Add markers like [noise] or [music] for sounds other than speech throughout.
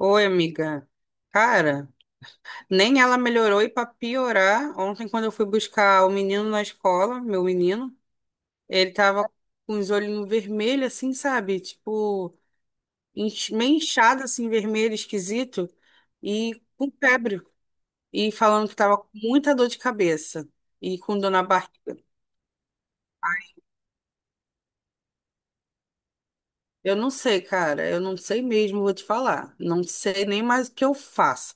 Oi, amiga. Cara, nem ela melhorou e pra piorar, ontem quando eu fui buscar o menino na escola, meu menino, ele tava com os olhinhos vermelhos assim, sabe? Tipo, meio inchado assim, vermelho, esquisito, e com febre, e falando que tava com muita dor de cabeça e com dor na barriga. Eu não sei, cara, eu não sei mesmo, vou te falar. Não sei nem mais o que eu faço.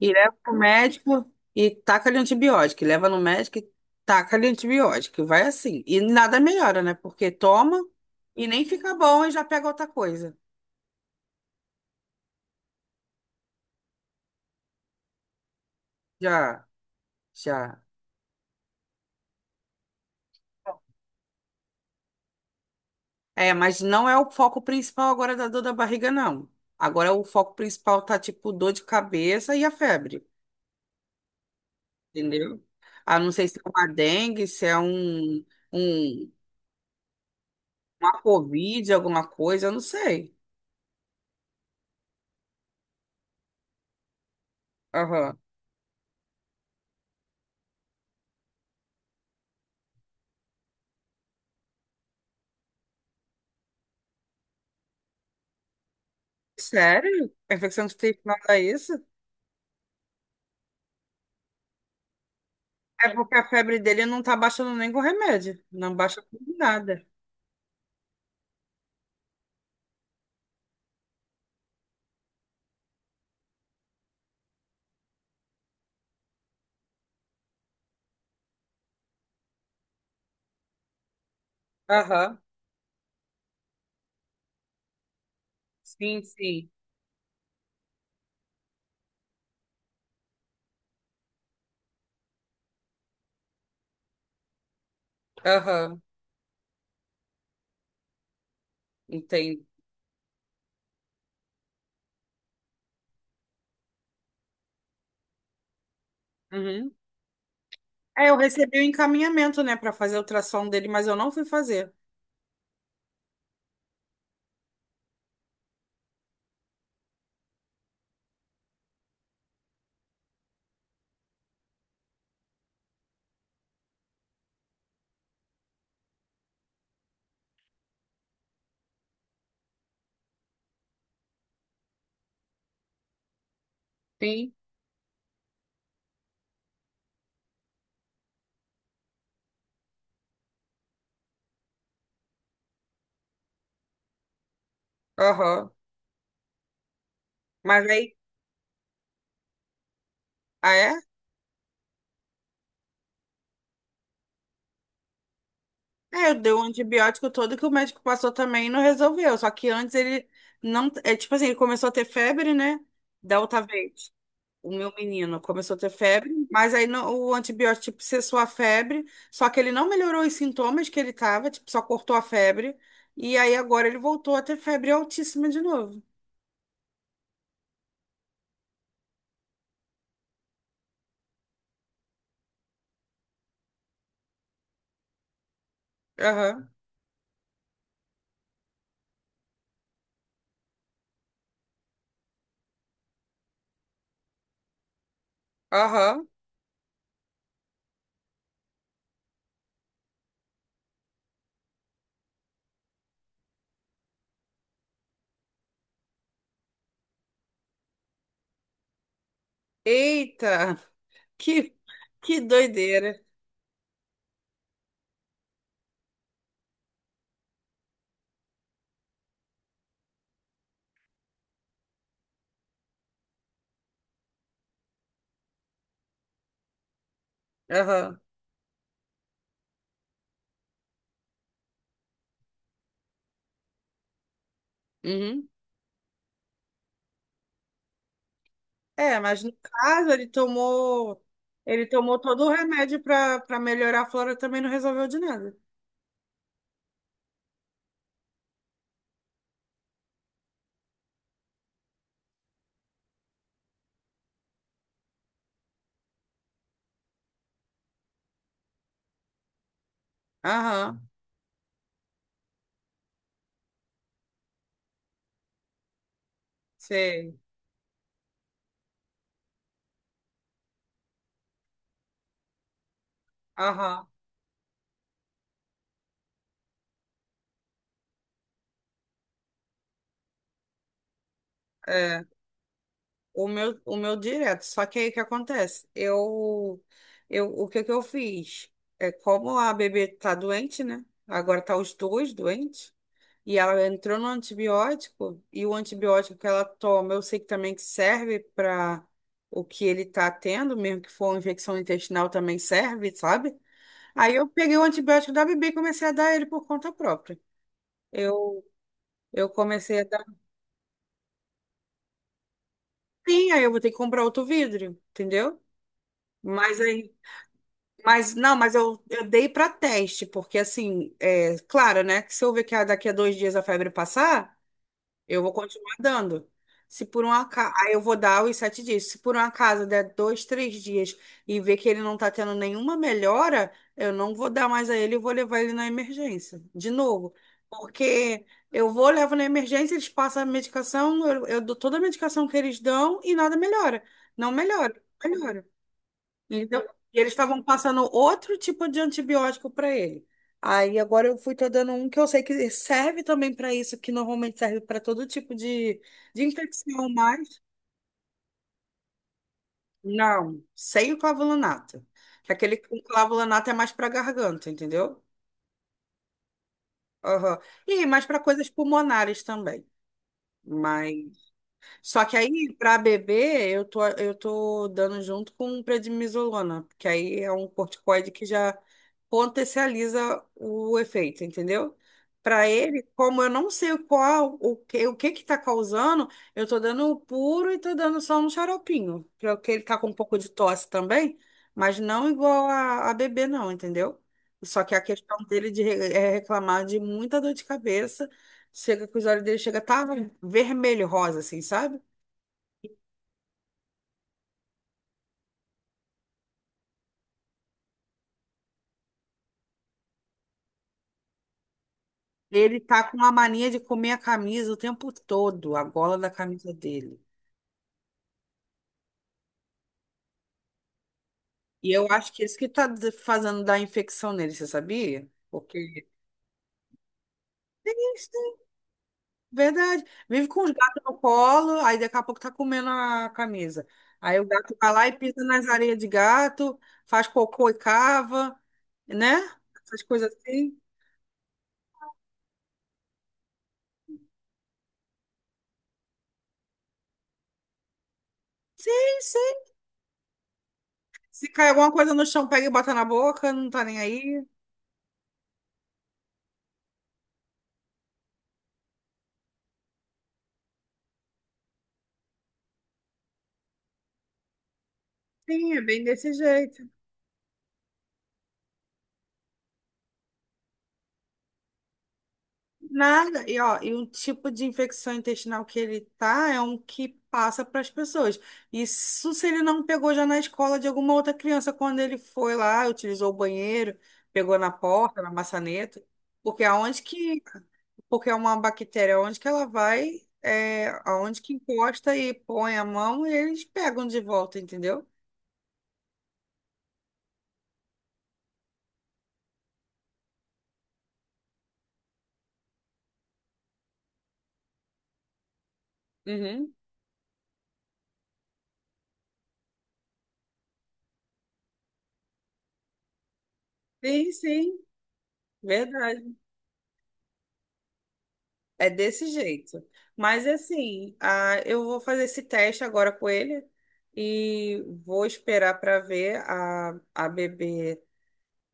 E leva pro médico e taca-lhe antibiótico. E leva no médico e taca-lhe antibiótico. E vai assim. E nada melhora, né? Porque toma e nem fica bom e já pega outra coisa. Já, já. É, mas não é o foco principal agora da dor da barriga, não. Agora o foco principal tá tipo dor de cabeça e a febre, entendeu? Ah, não sei se é uma dengue, se é um, uma covid, alguma coisa, eu não sei. Aham. Sério? A infecção intestinal dá isso? É porque a febre dele não tá baixando nem com remédio. Não baixa com nada. Aham. Sim, sim. Aham. Entendo. Uhum. É, eu recebi o encaminhamento, né, pra fazer o ultrassom dele, mas eu não fui fazer. Sim. Aham. Mas aí. Ah, é? É, eu dei o antibiótico todo que o médico passou também e não resolveu. Só que antes ele não. É tipo assim, ele começou a ter febre, né? Da outra vez. O meu menino começou a ter febre, mas aí o antibiótico tipo, cessou a febre, só que ele não melhorou os sintomas que ele tava, tipo, só cortou a febre, e aí agora ele voltou a ter febre altíssima de novo. Aham, aham. Eita, [laughs] que, que doideira. Aham. Uhum. É, mas no caso ele tomou todo o remédio para melhorar a flora, também não resolveu de nada. Aham, sei. Aham. É. O meu direto. Só que aí o que acontece? O que que eu fiz? É como a bebê tá doente, né? Agora tá os dois doentes. E ela entrou no antibiótico. E o antibiótico que ela toma, eu sei que também que serve para o que ele tá tendo, mesmo que for uma infecção intestinal, também serve, sabe? Aí eu peguei o antibiótico da bebê e comecei a dar ele por conta própria. Eu, eu comecei a dar. Sim, aí eu vou ter que comprar outro vidro, entendeu? Mas aí. Mas não, eu dei para teste, porque assim, é claro, né? Que se eu ver que daqui a 2 dias a febre passar, eu vou continuar dando. Se por um acaso, aí eu vou dar os 7 dias. Se por um acaso der 2, 3 dias e ver que ele não tá tendo nenhuma melhora, eu não vou dar mais a ele e vou levar ele na emergência, de novo. Porque eu vou, levo na emergência, eles passam a medicação, eu dou toda a medicação que eles dão e nada melhora. Não melhora, não melhora. Então, e eles estavam passando outro tipo de antibiótico para ele. Aí agora eu fui tô dando um que eu sei que serve também para isso, que normalmente serve para todo tipo de infecção, mas não, sem o clavulanato. Aquele com clavulanato é mais para garganta, entendeu? Aham. E mais para coisas pulmonares também. Mas. Só que aí, para beber, eu tô dando junto com prednisolona, porque aí é um corticoide que já potencializa o efeito, entendeu? Para ele, como eu não sei qual, o que que tá causando, eu tô dando o puro e tô dando só um xaropinho, porque ele tá com um pouco de tosse também, mas não igual a bebê, não, entendeu? Só que a questão dele de é reclamar de muita dor de cabeça, chega que os olhos dele chega a tá vermelho, rosa, assim, sabe? Ele tá com uma mania de comer a camisa o tempo todo, a gola da camisa dele. E eu acho que é isso que tá fazendo dar infecção nele, você sabia? Porque tem isso, né? Verdade. Vive com os gatos no colo, aí daqui a pouco tá comendo a camisa. Aí o gato vai lá e pisa nas areias de gato, faz cocô e cava, né? Essas coisas assim. Sim, sim. Se cai alguma coisa no chão, pega e bota na boca, não tá nem aí. Sim, é bem desse jeito. Nada. E, ó, e o tipo de infecção intestinal que ele tá é um que passa para as pessoas. Isso se ele não pegou já na escola de alguma outra criança quando ele foi lá, utilizou o banheiro, pegou na porta, na maçaneta, porque aonde que, porque é uma bactéria, aonde que ela vai, é, aonde que encosta e põe a mão, eles pegam de volta, entendeu? Uhum. Sim, sim, verdade. É desse jeito. Mas assim, ah, eu vou fazer esse teste agora com ele e vou esperar para ver a bebê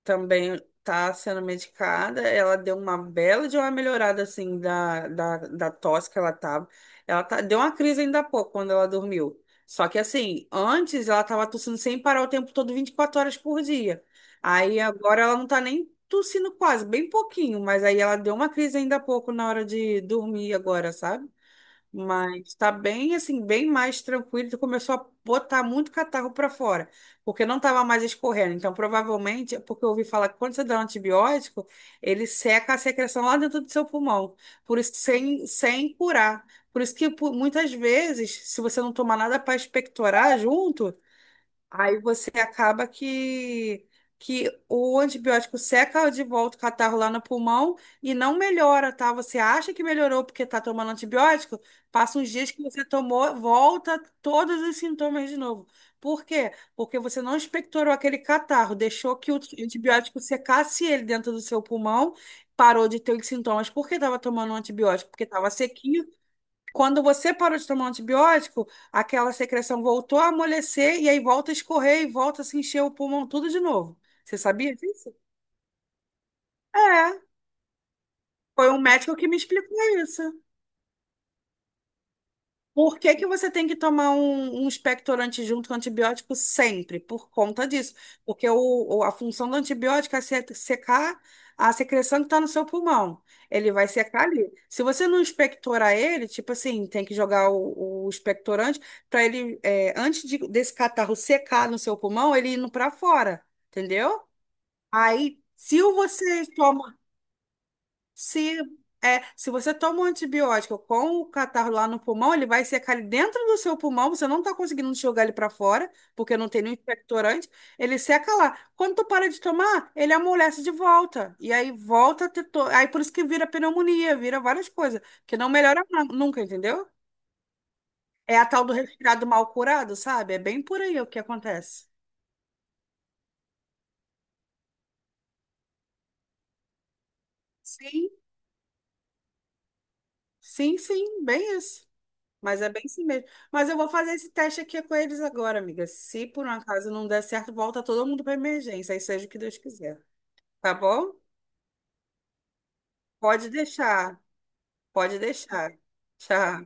também tá sendo medicada. Ela deu uma bela de uma melhorada, assim, da tosse que ela tava. Ela tá, deu uma crise ainda há pouco, quando ela dormiu. Só que, assim, antes ela tava tossindo sem parar o tempo todo, 24 horas por dia. Aí agora ela não tá nem tossindo quase, bem pouquinho. Mas aí ela deu uma crise ainda há pouco na hora de dormir agora, sabe? Mas tá bem assim, bem mais tranquilo. Tu começou a botar muito catarro para fora, porque não tava mais escorrendo. Então, provavelmente, é porque eu ouvi falar que quando você dá um antibiótico, ele seca a secreção lá dentro do seu pulmão, por isso que sem curar. Por isso que muitas vezes, se você não tomar nada para expectorar junto, aí você acaba que o antibiótico seca de volta o catarro lá no pulmão e não melhora, tá? Você acha que melhorou porque tá tomando antibiótico, passa uns dias que você tomou, volta todos os sintomas de novo. Por quê? Porque você não expectorou aquele catarro, deixou que o antibiótico secasse ele dentro do seu pulmão, parou de ter os sintomas porque estava tomando um antibiótico, porque estava sequinho quando você parou de tomar um antibiótico, aquela secreção voltou a amolecer e aí volta a escorrer e volta a se encher o pulmão tudo de novo. Você sabia disso? É, foi um médico que me explicou isso. Por que que você tem que tomar um expectorante junto com antibiótico sempre? Por conta disso. Porque a função do antibiótico é secar a secreção que está no seu pulmão. Ele vai secar ali. Se você não expectorar ele, tipo assim, tem que jogar o expectorante para ele, é, desse catarro secar no seu pulmão, ele indo para fora, entendeu? Aí, se você toma. Se, se você toma um antibiótico com o catarro lá no pulmão, ele vai secar ali dentro do seu pulmão, você não está conseguindo jogar ele para fora, porque não tem nenhum expectorante, ele seca lá. Quando tu para de tomar, ele amolece de volta. E aí volta a ter. Aí por isso que vira pneumonia, vira várias coisas, que não melhora nunca, entendeu? É a tal do resfriado mal curado, sabe? É bem por aí o que acontece. Sim, sim, sim, bem isso. Mas é bem assim mesmo. Mas eu vou fazer esse teste aqui com eles agora, amiga. Se por um acaso não der certo, volta todo mundo para emergência, aí seja o que Deus quiser. Tá bom? Pode deixar. Pode deixar. Tchau.